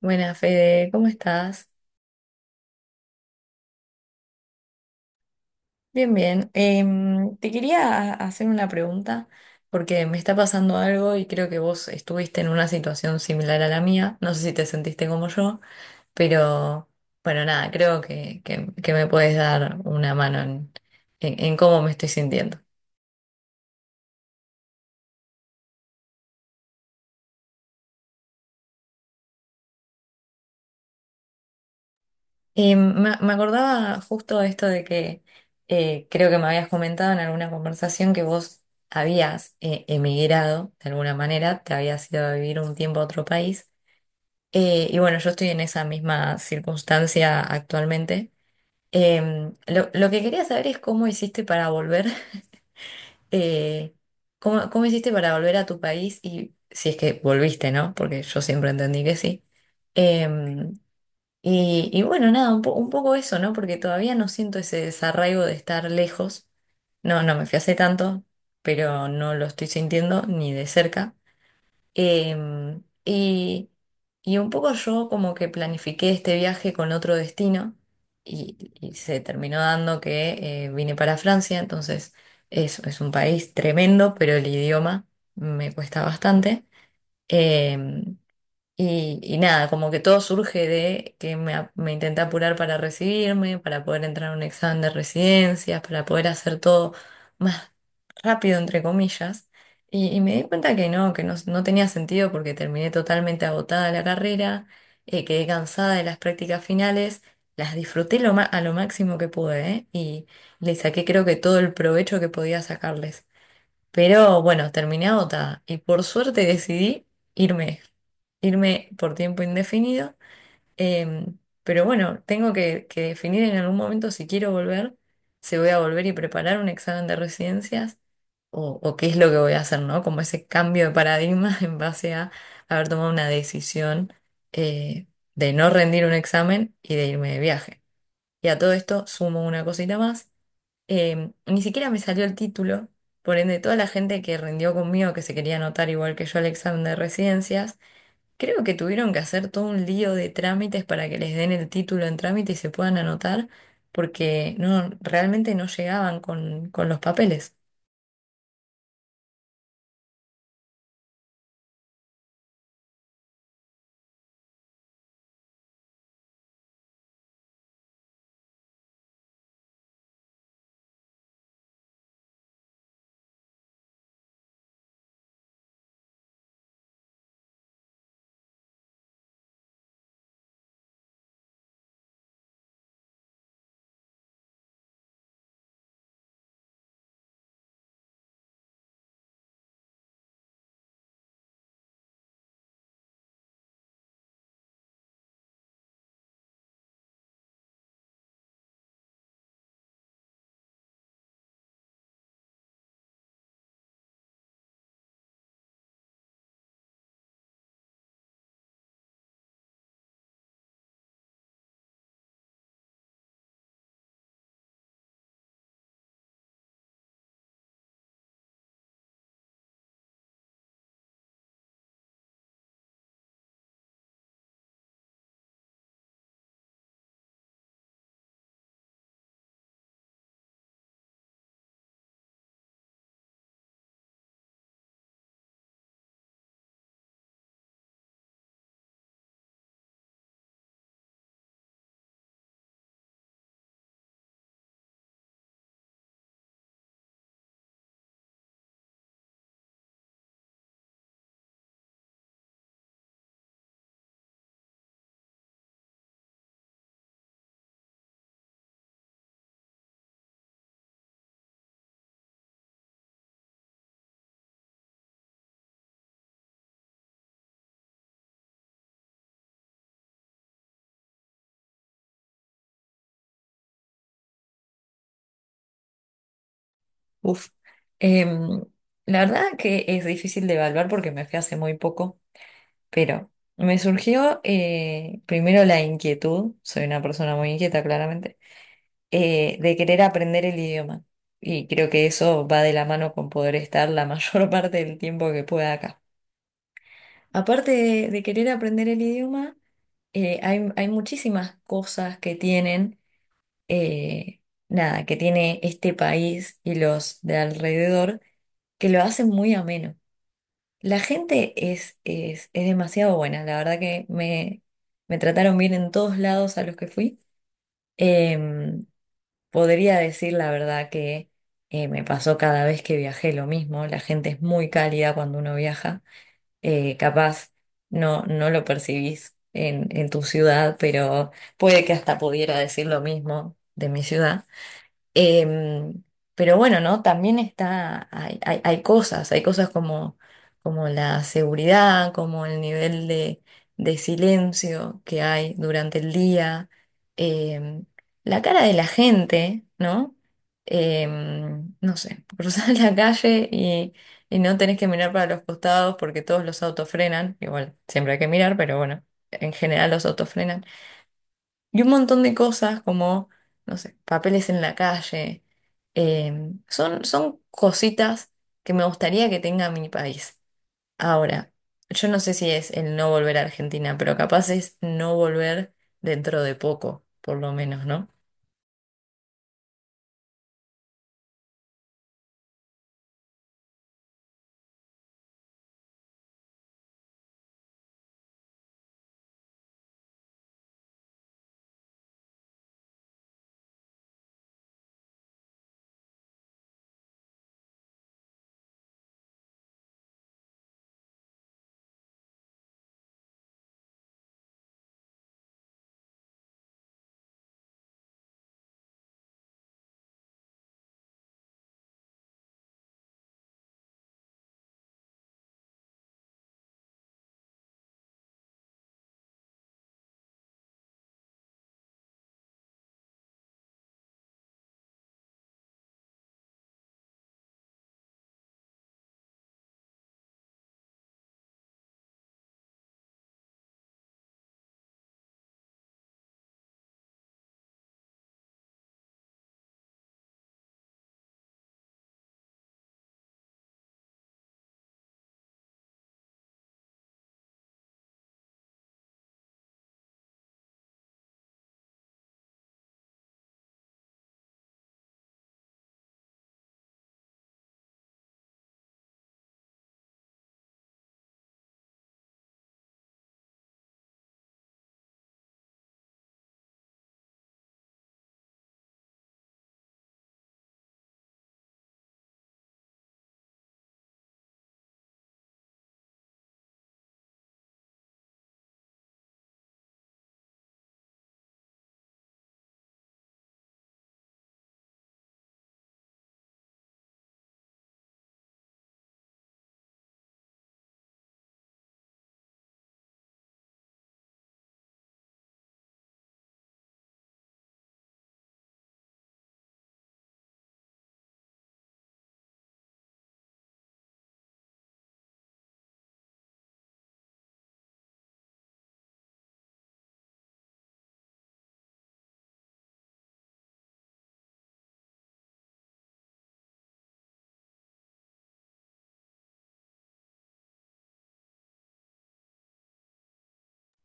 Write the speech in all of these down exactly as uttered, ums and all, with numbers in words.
Buenas, Fede, ¿cómo estás? Bien, bien. Em, te quería hacer una pregunta porque me está pasando algo y creo que vos estuviste en una situación similar a la mía. No sé si te sentiste como yo, pero bueno, nada, creo que, que- que me puedes dar una mano en, en- en cómo me estoy sintiendo. Em, me, me acordaba justo esto de que eh, creo que me habías comentado en alguna conversación que vos habías eh, emigrado de alguna manera, te habías ido a vivir un tiempo a otro país. Eh, y bueno, yo estoy en esa misma circunstancia actualmente. Em, lo, lo que quería saber es cómo hiciste para volver, eh, cómo, cómo hiciste para volver a tu país y si es que volviste, ¿no? Porque yo siempre entendí que sí. Em, y, y bueno, nada, un, po- un poco eso, ¿no? Porque todavía no siento ese desarraigo de estar lejos. No, no me fui hace tanto, pero no lo estoy sintiendo ni de cerca. Em, y, y un poco yo como que planifiqué este viaje con otro destino y, y se terminó dando que eh, vine para Francia, entonces es, es un país tremendo, pero el idioma me cuesta bastante. Em, y, y nada, como que todo surge de que me, a- me intenté apurar para recibirme, para poder entrar a un examen de residencias, para poder hacer todo más rápido, entre comillas. Y, y me di cuenta que no, que no, no tenía sentido porque terminé totalmente agotada la carrera, eh, quedé cansada de las prácticas finales, las disfruté lo ma- a lo máximo que pude, ¿eh? Y le saqué creo que todo el provecho que podía sacarles. Pero bueno, terminé agotada y por suerte decidí irme, irme por tiempo indefinido. Em, pero bueno, tengo que, que definir en algún momento si quiero volver, si voy a volver y preparar un examen de residencias o, o qué es lo que voy a hacer, ¿no? Como ese cambio de paradigma en base a haber tomado una decisión eh, de no rendir un examen y de irme de viaje. Y a todo esto sumo una cosita más eh, ni siquiera me salió el título, por ende, toda la gente que rindió conmigo, que se quería anotar igual que yo al examen de residencias, creo que tuvieron que hacer todo un lío de trámites para que les den el título en trámite y se puedan anotar, porque no, realmente no llegaban con, con los papeles. Uf. Em, la verdad que es difícil de evaluar porque me fui hace muy poco, pero me surgió eh, primero la inquietud, soy una persona muy inquieta claramente eh, de querer aprender el idioma. Y creo que eso va de la mano con poder estar la mayor parte del tiempo que pueda acá. Aparte de, de querer aprender el idioma, eh, hay, hay muchísimas cosas que tienen, eh, nada, que tiene este país y los de alrededor que lo hacen muy ameno. La gente es, es, es demasiado buena, la verdad que me, me trataron bien en todos lados a los que fui. Em, podría decir la verdad que eh, me pasó cada vez que viajé lo mismo. La gente es muy cálida cuando uno viaja. Eh, capaz no, no lo percibís en, en tu ciudad, pero puede que hasta pudiera decir lo mismo de mi ciudad. Em, pero bueno, ¿no? También está, hay, hay- hay cosas, hay cosas como, como la seguridad, como el nivel de, de silencio que hay durante el día, em, la cara de la gente, ¿no? Em, no sé, cruzar la calle y, y no tenés que mirar para los costados porque todos los autos frenan, igual siempre hay que mirar, pero bueno, en general los autos frenan. Y un montón de cosas como, no sé, papeles en la calle. Eh, son, son cositas que me gustaría que tenga mi país. Ahora, yo no sé si es el no volver a Argentina, pero capaz es no volver dentro de poco, por lo menos, ¿no?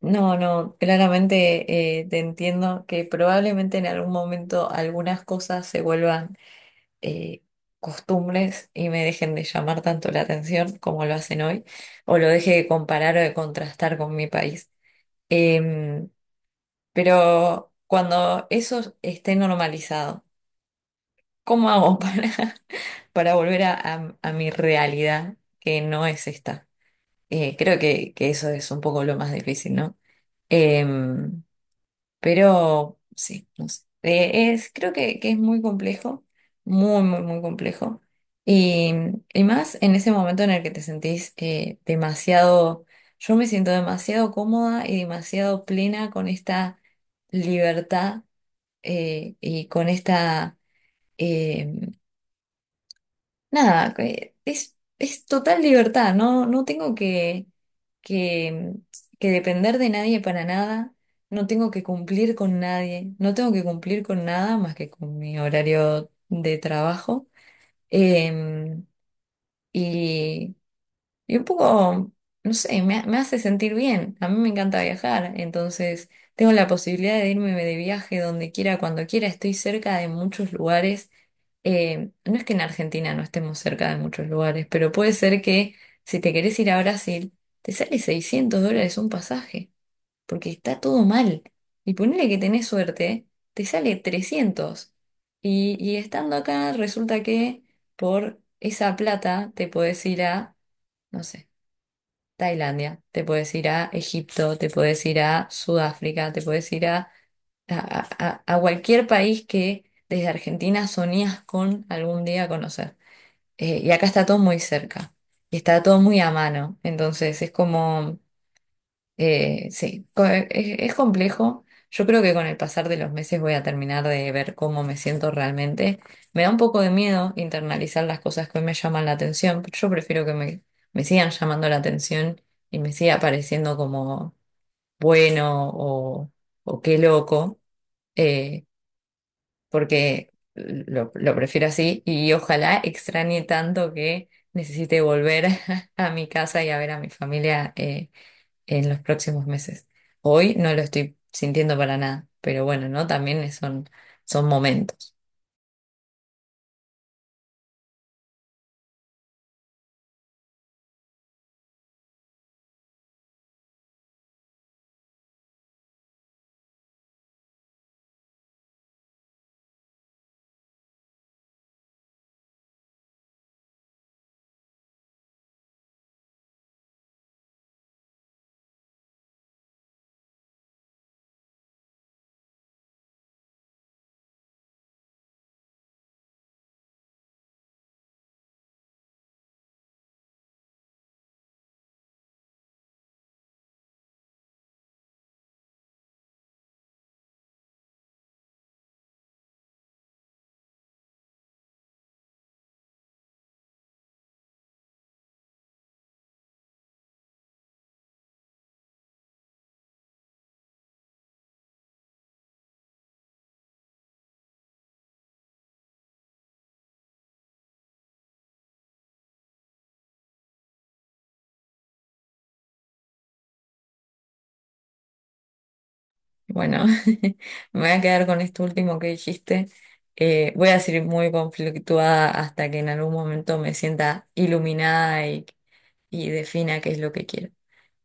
No, no, claramente eh, te entiendo que probablemente en algún momento algunas cosas se vuelvan eh, costumbres y me dejen de llamar tanto la atención como lo hacen hoy, o lo deje de comparar o de contrastar con mi país. Em, pero cuando eso esté normalizado, ¿cómo hago para, para volver a, a- a mi realidad que no es esta? Eh, creo que, que eso es un poco lo más difícil, ¿no? Em, pero sí, no sé. Eh, es, creo que, que es muy complejo, muy, muy, muy complejo. Y, y más en ese momento en el que te sentís eh, demasiado, yo me siento demasiado cómoda y demasiado plena con esta libertad eh, y con esta eh, nada, que es, es total libertad, no, no tengo que, que, que depender de nadie para nada, no tengo que cumplir con nadie, no tengo que cumplir con nada más que con mi horario de trabajo. Em, y, y un poco, no sé, me, ha- me hace sentir bien, a mí me encanta viajar, entonces tengo la posibilidad de irme de viaje donde quiera, cuando quiera, estoy cerca de muchos lugares eh, no es que en Argentina no estemos cerca de muchos lugares, pero puede ser que si te querés ir a Brasil, te sale seiscientos dólares un pasaje, porque está todo mal. Y ponele que tenés suerte, te sale trescientos. Y, y estando acá, resulta que por esa plata te podés ir a, no sé, Tailandia, te podés ir a Egipto, te podés ir a Sudáfrica, te podés ir a, a a- a- a cualquier país que desde Argentina soñás con algún día conocer. Eh, y acá está todo muy cerca y está todo muy a mano. Entonces es como, eh, sí, co- eh, es, es complejo. Yo creo que con el pasar de los meses voy a terminar de ver cómo me siento realmente. Me da un poco de miedo internalizar las cosas que hoy me llaman la atención, pero yo prefiero que me, me sigan llamando la atención y me siga pareciendo como bueno o, o qué loco. Eh, porque lo, lo prefiero así y ojalá extrañe tanto que necesite volver a mi casa y a ver a mi familia eh, en los próximos meses. Hoy no lo estoy sintiendo para nada, pero bueno, ¿no? También son, son momentos. Bueno, me voy a quedar con esto último que dijiste. Eh, voy a seguir muy conflictuada hasta que en algún momento me sienta iluminada y y defina qué es lo que quiere.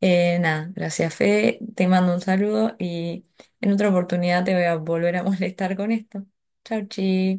Eh, nada, gracias Fede, te mando un saludo y en otra oportunidad te voy a volver a molestar con esto. Chau, chi.